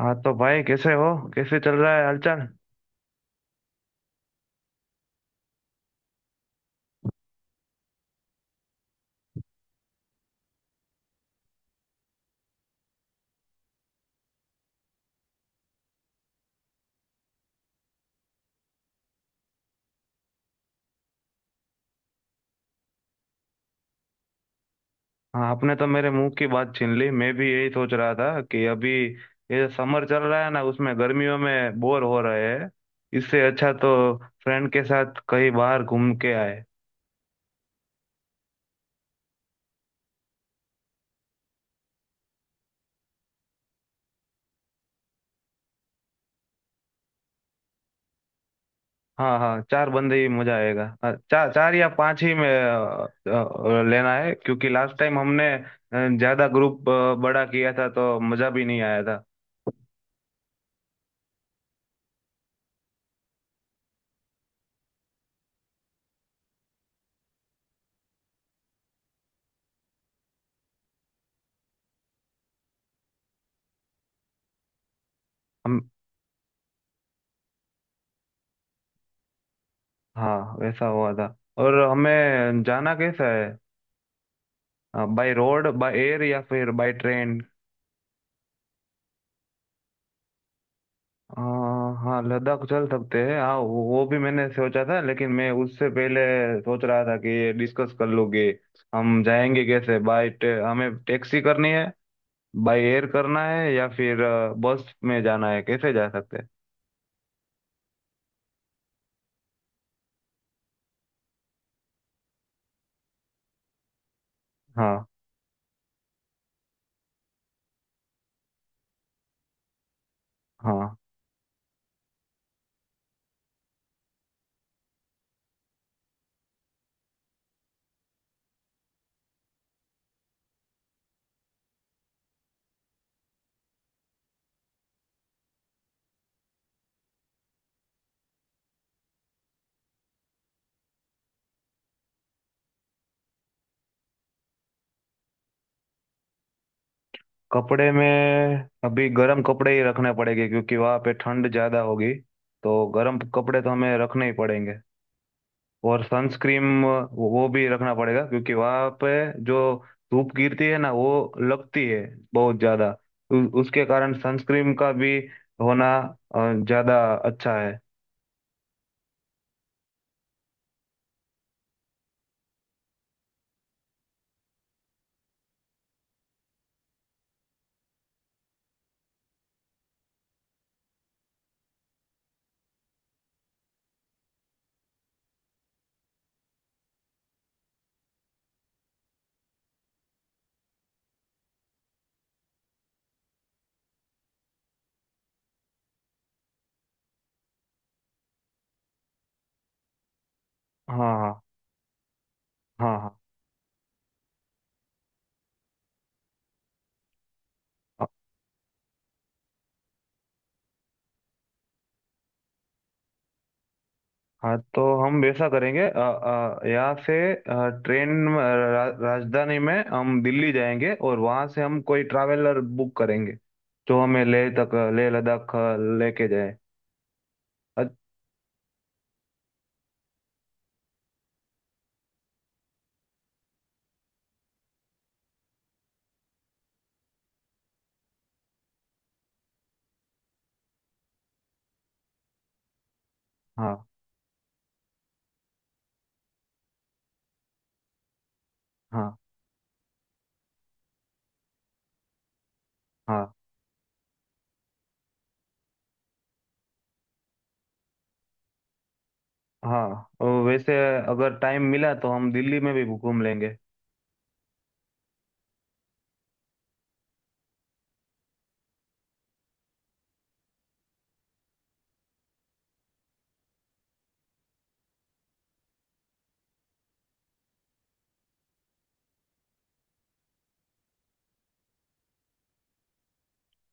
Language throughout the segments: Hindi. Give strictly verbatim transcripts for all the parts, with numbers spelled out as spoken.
हाँ तो भाई कैसे हो। कैसे चल रहा है हालचाल। हाँ आपने तो मेरे मुंह की बात छीन ली। मैं भी यही सोच रहा था कि अभी ये समर चल रहा है ना, उसमें गर्मियों में बोर हो रहे हैं। इससे अच्छा तो फ्रेंड के साथ कहीं बाहर घूम के आए। हाँ हाँ चार बंदे ही मजा आएगा। हाँ, चार चार या पांच ही में अ, अ, लेना है, क्योंकि लास्ट टाइम हमने अ, ज्यादा ग्रुप अ, बड़ा किया था तो मजा भी नहीं आया था। हम, हाँ वैसा हुआ था। और हमें जाना कैसा है, बाय रोड, बाय एयर या फिर बाय ट्रेन? हाँ लद्दाख चल सकते हैं। हाँ, वो वो भी मैंने सोचा था, लेकिन मैं उससे पहले सोच रहा था कि ये डिस्कस कर लोगे। हम जाएंगे कैसे? बाय, हमें टैक्सी करनी है, बाय एयर करना है, या फिर अ, बस में जाना है? कैसे जा सकते हैं? हाँ। हाँ। कपड़े में अभी गर्म कपड़े ही रखने पड़ेंगे, क्योंकि वहाँ पे ठंड ज़्यादा होगी। तो गर्म कपड़े तो हमें रखने ही पड़ेंगे। और सनस्क्रीन वो वो भी रखना पड़ेगा, क्योंकि वहां पे जो धूप गिरती है ना, वो लगती है बहुत ज्यादा। उ- उसके कारण सनस्क्रीन का भी होना अ, ज्यादा अच्छा है। हाँ। हाँ। हाँ। हाँ। हाँ। हाँ, तो हम वैसा करेंगे। अ, अ, यहाँ से अ, ट्रेन में, अ, रा, राजधानी में हम दिल्ली जाएंगे और वहाँ से हम कोई ट्रैवलर बुक करेंगे जो हमें लेह तक, लेह लद्दाख अ, लेके जाए। अ- हाँ। हाँ। हाँ। हाँ, और वैसे अगर टाइम मिला तो हम दिल्ली में भी घूम लेंगे।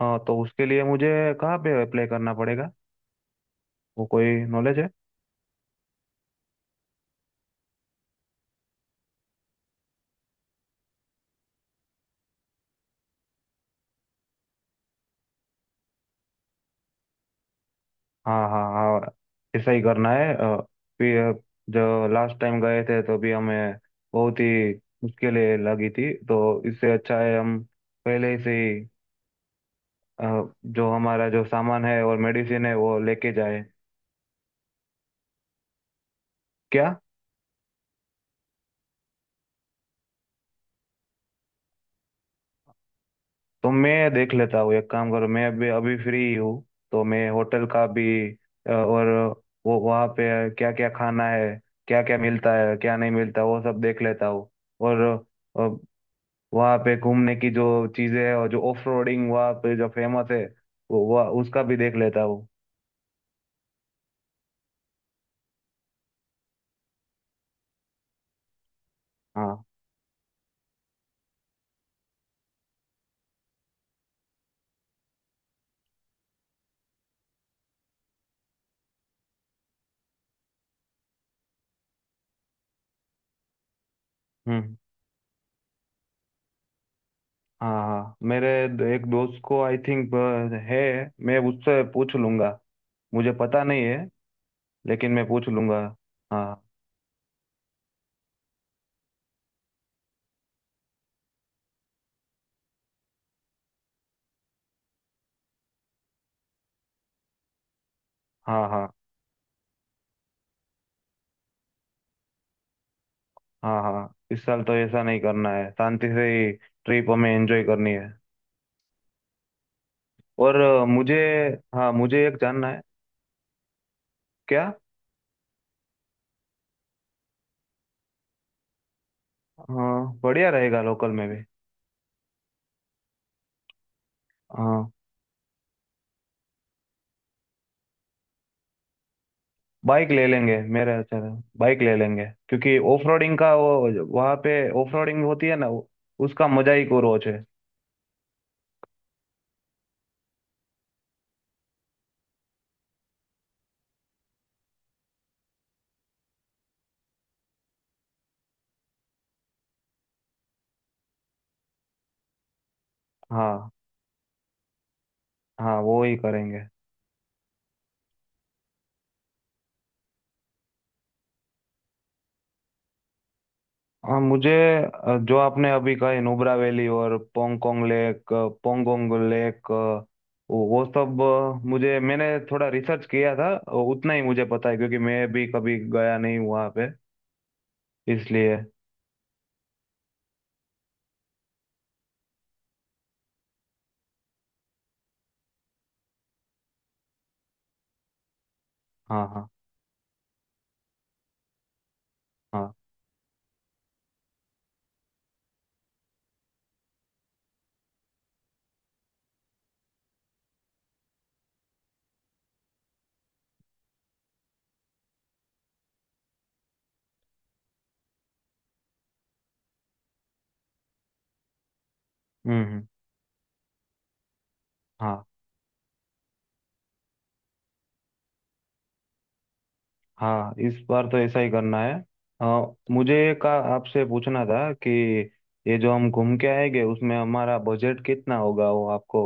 हाँ, तो उसके लिए मुझे कहाँ पे अप्लाई करना पड़ेगा? वो कोई नॉलेज है? हाँ, हाँ, हाँ, ऐसा ही करना है। अ, फिर जो लास्ट टाइम गए थे तो भी हमें बहुत ही मुश्किलें लगी थी। तो इससे अच्छा है हम पहले से ही अ, जो हमारा जो सामान है और मेडिसिन है वो लेके जाए। क्या? तो मैं देख लेता हूँ। एक काम करो, मैं अभी अभी फ्री हूँ, तो मैं होटल का भी अ, और वो वहाँ पे क्या क्या खाना है, क्या क्या मिलता है, क्या नहीं मिलता, वो सब देख लेता हूँ। और अ, वहाँ पे घूमने की जो चीज़ें हैं, और जो ऑफ रोडिंग वहाँ पे जो फेमस है, वो वह उसका भी देख लेता हूँ। हाँ। हम्म। हाँ हाँ, मेरे दो- एक दोस्त को आई थिंक है। मैं उससे पूछ लूँगा। मुझे पता नहीं है, लेकिन मैं पूछ लूँगा। हाँ। हाँ। हाँ हाँ, हाँ इस साल तो ऐसा नहीं करना है, शांति से ही ट्रिप हमें एंजॉय करनी है। और अ, मुझे, हाँ मुझे एक जानना है। क्या? हाँ, बढ़िया रहेगा, लोकल में भी। हाँ, बाइक ले लेंगे मेरे, बाइक ले लेंगे, क्योंकि ऑफ रोडिंग का वो वहाँ पे ऑफ रोडिंग होती है ना, वो- उसका मजा ही कुछ और है। हाँ। हाँ, वो ही करेंगे। हाँ मुझे, अ, जो आपने अभी कहा, नुब्रा वैली और पोंगकोंग लेक, अ, पोंगोंग लेक, अ, वो वो सब, अ, मुझे, मैंने थोड़ा रिसर्च किया था, अ, उतना ही मुझे पता है, क्योंकि मैं भी कभी गया नहीं हूँ वहाँ पे, इसलिए। हाँ। हाँ। हाँ। हम्म। हम्म। हाँ। हाँ, इस बार तो ऐसा ही करना है। हाँ मुझे का आपसे पूछना था कि ये जो हम घूम के आएंगे उसमें हमारा बजट कितना होगा, वो आपको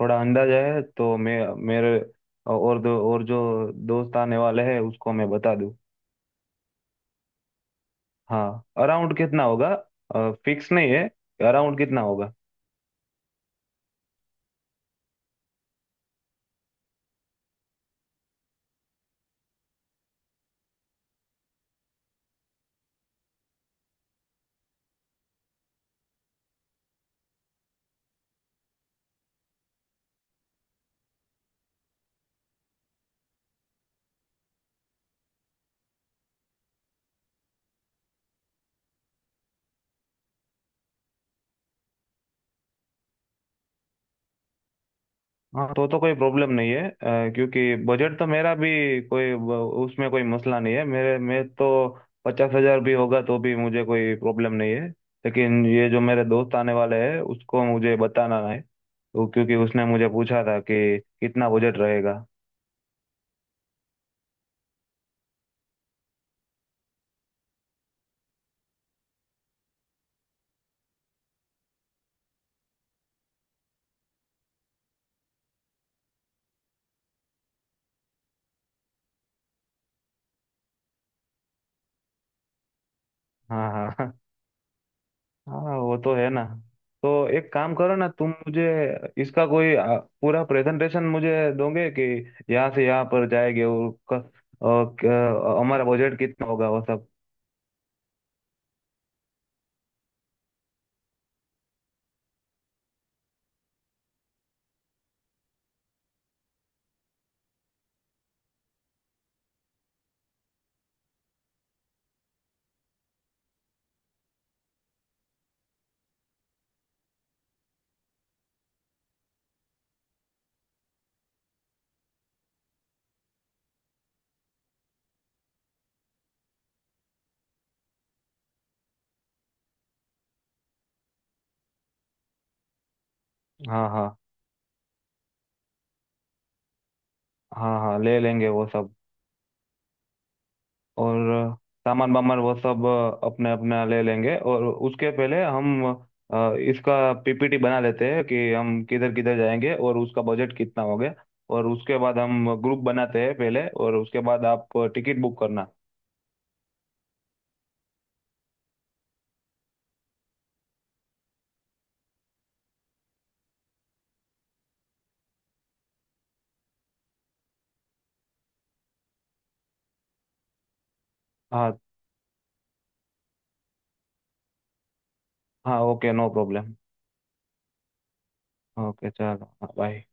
थोड़ा अंदाजा है? तो मैं मेरे और दो और जो दोस्त आने वाले हैं उसको मैं बता दूँ। हाँ, अराउंड कितना होगा? फिक्स नहीं है, अराउंड कितना होगा? हाँ, तो तो कोई प्रॉब्लम नहीं है, अ, क्योंकि बजट तो मेरा भी, कोई ब- उसमें कोई मसला नहीं है, मेरे में तो पचास हज़ार भी होगा तो भी मुझे कोई प्रॉब्लम नहीं है। लेकिन ये जो मेरे दोस्त आने वाले हैं उसको मुझे बताना है, तो क्योंकि उसने मुझे पूछा था कि कितना बजट रहेगा। हाँ हाँ हाँ हाँ, वो तो है ना। तो एक काम करो ना, तुम मुझे इसका कोई अ, पूरा प्रेजेंटेशन मुझे दोगे कि यहाँ से यहाँ पर जाएंगे और क- अ, क- अ, हमारा बजट कितना होगा वो सब। हाँ। हाँ हाँ हाँ, ले लेंगे वो सब। और सामान वामान वो सब अपने अपना ले लेंगे। और उसके पहले हम अ, इसका पी पी टी बना लेते हैं कि हम किधर किधर जाएंगे और उसका बजट कितना हो गया। और उसके बाद हम ग्रुप बनाते हैं पहले, और उसके बाद आप टिकट बुक करना। हाँ हाँ, ओके नो प्रॉब्लम। ओके, चलो बाय।